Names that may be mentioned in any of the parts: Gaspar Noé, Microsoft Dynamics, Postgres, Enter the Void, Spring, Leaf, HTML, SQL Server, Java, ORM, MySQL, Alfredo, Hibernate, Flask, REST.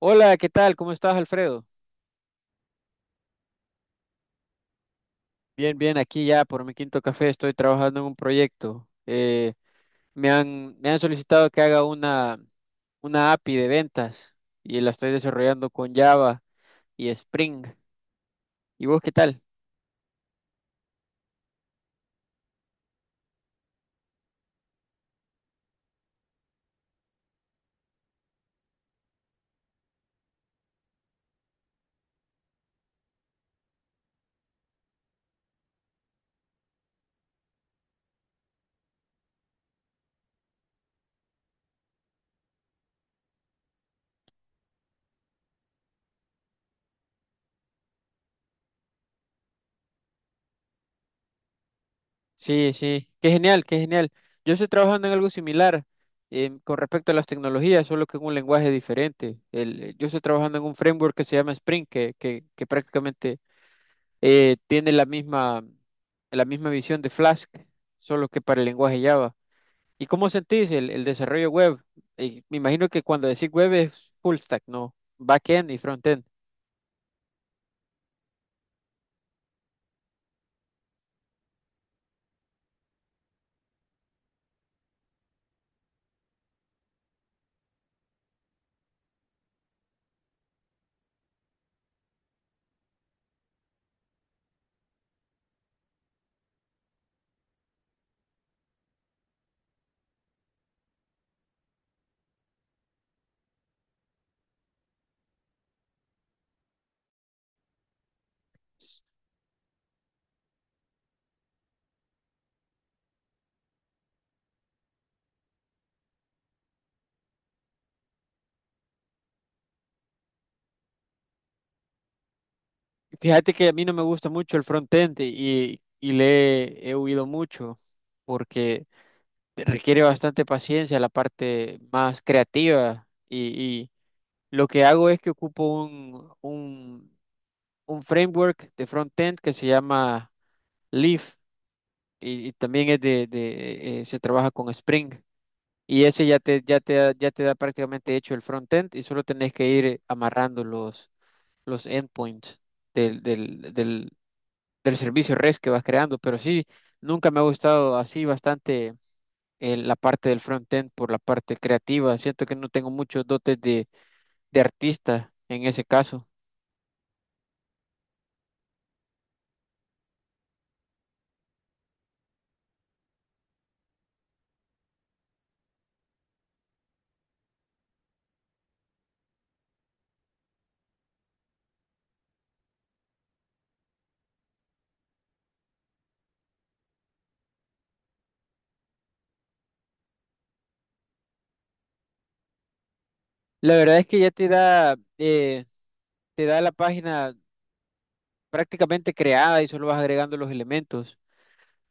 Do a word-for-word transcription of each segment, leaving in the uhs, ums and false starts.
Hola, ¿qué tal? ¿Cómo estás, Alfredo? Bien, bien, aquí ya por mi quinto café estoy trabajando en un proyecto. Eh, me han, me han solicitado que haga una, una A P I de ventas y la estoy desarrollando con Java y Spring. ¿Y vos qué tal? Sí, sí, qué genial, qué genial. Yo estoy trabajando en algo similar em, con respecto a las tecnologías, solo que en un lenguaje diferente. El, yo estoy trabajando en un framework que se llama Spring, que, que, que prácticamente eh, tiene la misma, la misma visión de Flask, solo que para el lenguaje Java. ¿Y cómo sentís el, el desarrollo web? Eh, me imagino que cuando decís web es full stack, ¿no? Backend y frontend. Fíjate que a mí no me gusta mucho el frontend y, y le he huido mucho porque te requiere bastante paciencia la parte más creativa y, y lo que hago es que ocupo un, un, un framework de frontend que se llama Leaf y, y también es de, de, eh, se trabaja con Spring y ese ya te, ya te, da- ya te da prácticamente hecho el frontend y solo tenés que ir amarrando los, los endpoints del, del, del, del servicio REST que vas creando. Pero sí, nunca me ha gustado así bastante eh, la parte del frontend por la parte creativa. Siento que no tengo muchos dotes de, de artista en ese caso. La verdad es que ya te da, eh, te da la página prácticamente creada y solo vas agregando los elementos.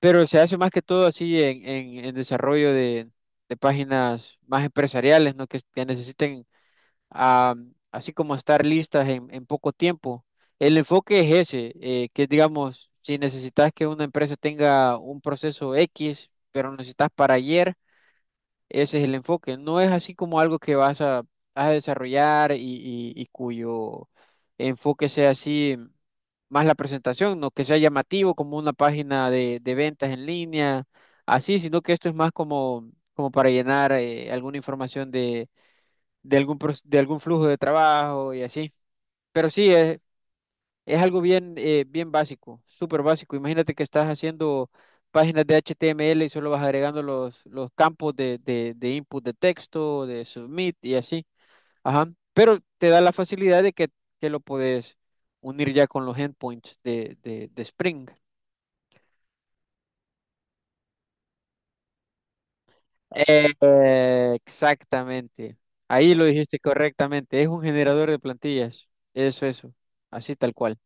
Pero se hace más que todo así en, en, en desarrollo de, de páginas más empresariales, ¿no? Que, que necesiten ah, así como estar listas en, en poco tiempo. El enfoque es ese, eh, que digamos, si necesitas que una empresa tenga un proceso X, pero lo necesitas para ayer. Ese es el enfoque. No es así como algo que vas a, vas a desarrollar y, y- y cuyo enfoque sea así más la presentación, no que sea llamativo como una página de, de ventas en línea, así, sino que esto es más como, como para llenar eh, alguna información de, de algún, pros- de algún flujo de trabajo y así. Pero sí, es, es algo bien, eh, bien básico, súper básico. Imagínate que estás haciendo páginas de H T M L y solo vas agregando los, los campos de, de- de input de texto, de submit y así. Ajá. Pero te da la facilidad de que, que lo puedes unir ya con los endpoints de, de- de Spring. Eh, eh, exactamente. Ahí lo dijiste correctamente. Es un generador de plantillas. Eso, eso. Así tal cual.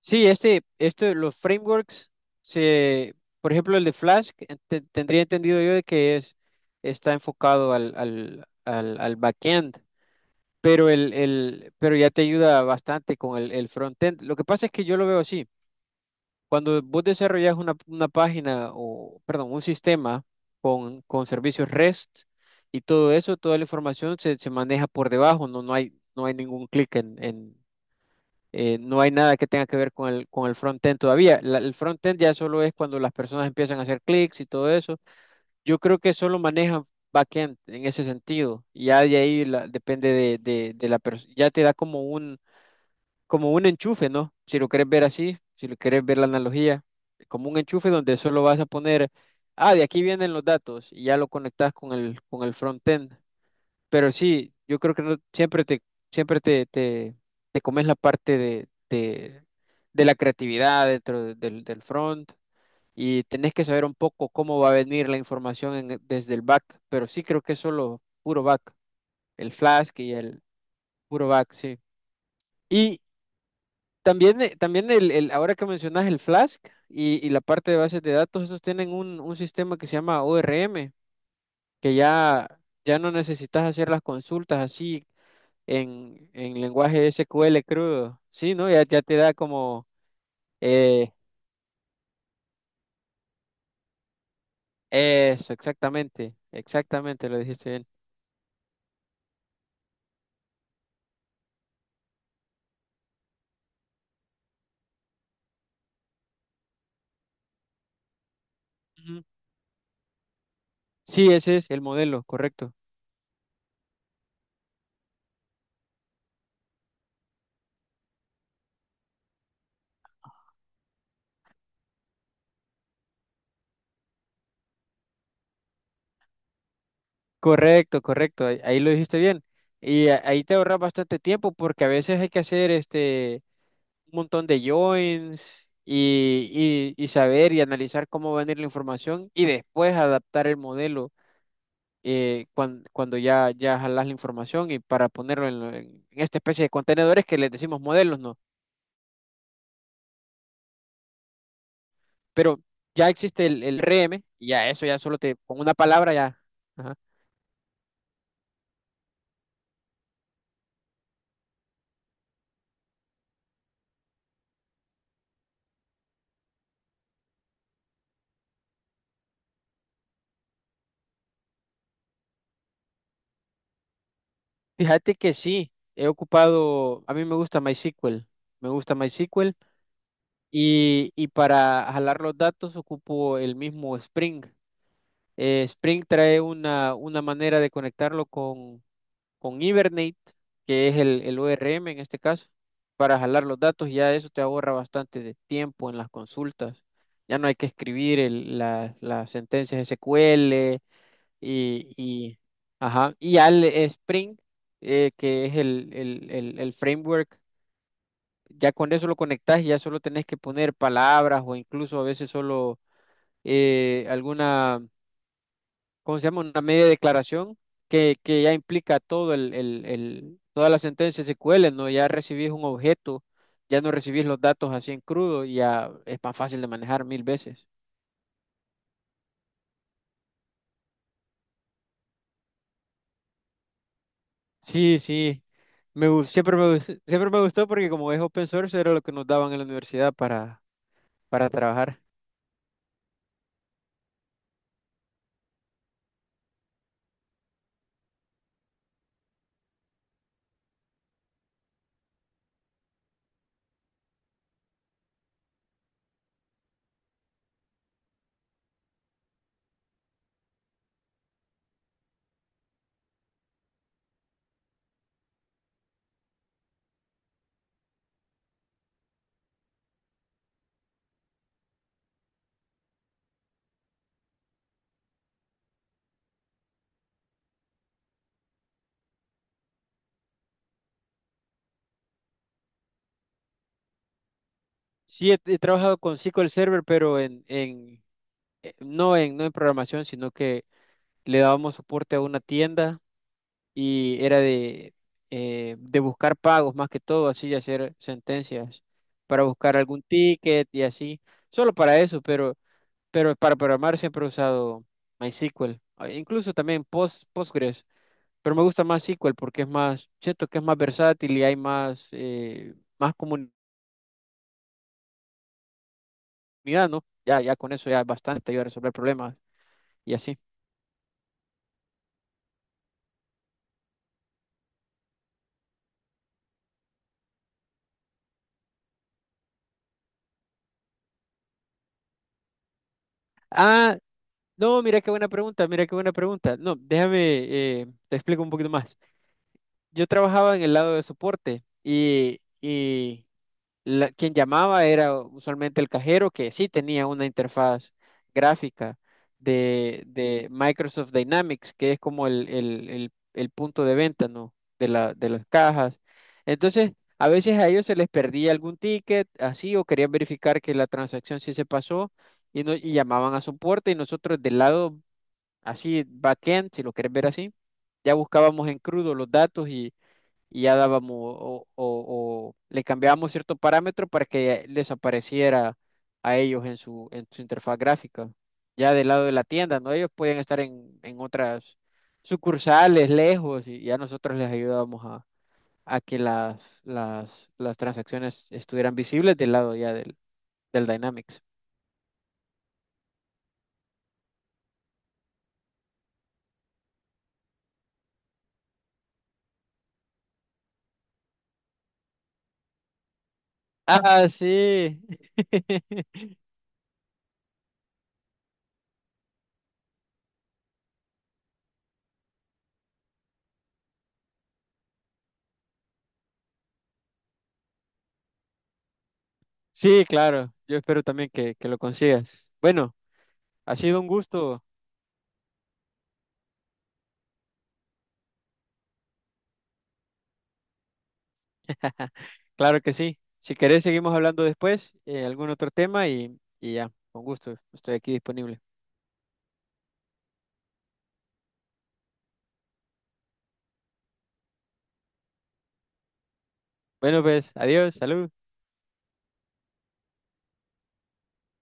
Sí, este, este, los frameworks, se, por ejemplo, el de Flask, ente- tendría entendido yo de que es, está enfocado al, al, al, al backend, pero, el, el, pero ya te ayuda bastante con el, el frontend. Lo que pasa es que yo lo veo así. Cuando vos desarrollas una, una página o, perdón, un sistema con, con servicios REST y todo eso, toda la información se, se maneja por debajo, no, no hay, no hay ningún clic en, eh, no hay nada que tenga que ver con el, con el front-end todavía. La- el front-end ya solo es cuando las personas empiezan a hacer clics y todo eso. Yo creo que solo manejan back-end en ese sentido. Ya de ahí la- depende de, de, de la persona. Ya te da como un, como un enchufe, ¿no? Si lo quieres ver así, si lo quieres ver la analogía, como un enchufe donde solo vas a poner, ah, de aquí vienen los datos y ya lo conectas con el, con el front-end. Pero sí, yo creo que no, siempre te, siempre te, te, te comes la parte de, de, de la creatividad dentro de- del, del front y tenés que saber un poco cómo va a venir la información en- e, desde el back, pero sí creo que es solo puro back, el Flask y el puro back, sí. Y también, eh, también el, el- ahora que mencionas el Flask y, y la parte de bases de datos, esos tienen un, un sistema que se llama O R M, que ya, ya no necesitas hacer las consultas así en, en lenguaje S Q L crudo. Sí, ¿no? Ya, ya te da como eh, eso, exactamente, exactamente, lo dijiste bien. Ujú. Sí, ese es el modelo, correcto. Correcto, correcto, ahí, ahí lo dijiste bien. Y a- ahí te ahorras bastante tiempo porque a veces hay que hacer este un montón de joins y, y, y saber y analizar cómo va a venir la información y después adaptar el modelo eh, cuan- cuando ya, ya jalas la información y para ponerlo en, lo- en- esta especie de contenedores que les decimos modelos, ¿no? Pero ya existe el, el R M y ya eso ya solo te, con una palabra ya. Ajá. Fíjate que sí, he ocupado, a mí me gusta MySQL, me gusta MySQL y, y para jalar los datos ocupo el mismo Spring. Eh, Spring trae una, una manera de conectarlo con Hibernate, que es el, el O R M en este caso, para jalar los datos, ya eso te ahorra bastante de tiempo en las consultas. Ya no hay que escribir el- la- las sentencias S Q L y, y, ajá, y al Spring, eh, que es el, el- el- el framework, ya con eso lo conectas y ya solo tenés que poner palabras o incluso a veces solo eh, alguna ¿cómo se llama? Una media declaración que, que ya implica todo el, el, el- toda la sentencia S Q L, ¿no? Ya recibís un objeto, ya no recibís los datos así en crudo, y ya es más fácil de manejar mil veces. Sí, sí. Me, gus- siempre me, gus- siempre me gustó porque como es open source era lo que nos daban en la universidad para, para trabajar. Sí, he, he trabajado con S Q L Server, pero en, en, eh, no en, no en programación, sino que le dábamos soporte a una tienda y era de, eh, de buscar pagos más que todo, así y hacer sentencias para buscar algún ticket y así, solo para eso, pero, pero para programar siempre he usado MySQL, ah, incluso también Post, Postgres, pero me gusta más S Q L porque es más, siento que es más versátil y hay más, eh, más comunidad, ¿no? Ya, ya con eso ya es bastante, ayuda a resolver problemas y así. Ah, no, mira qué buena pregunta, mira qué buena pregunta. No, déjame, eh, te explico un poquito más. Yo trabajaba en el lado de soporte y, y la- quien llamaba era usualmente el cajero que sí tenía una interfaz gráfica de, de Microsoft Dynamics, que es como el, el- el- el punto de venta, ¿no? De la, de las cajas. Entonces, a veces a ellos se les perdía algún ticket, así, o querían verificar que la transacción sí se pasó y, no, y llamaban a soporte y nosotros del lado, así, backend, si lo querés ver así ya buscábamos en crudo los datos y ya dábamos o, o- o le cambiábamos cierto parámetro para que les apareciera a ellos en su, en su interfaz gráfica. Ya del lado de la tienda, ¿no? Ellos pueden estar en, en otras sucursales, lejos, y ya nosotros les ayudábamos a, a que las, las, las transacciones estuvieran visibles del lado ya del, del Dynamics. Ah, sí. Sí, claro. Yo espero también que, que lo consigas. Bueno, ha sido un gusto. Claro que sí. Si querés, seguimos hablando después, eh, algún otro tema y, y ya, con gusto, estoy aquí disponible. Bueno, pues, adiós, salud.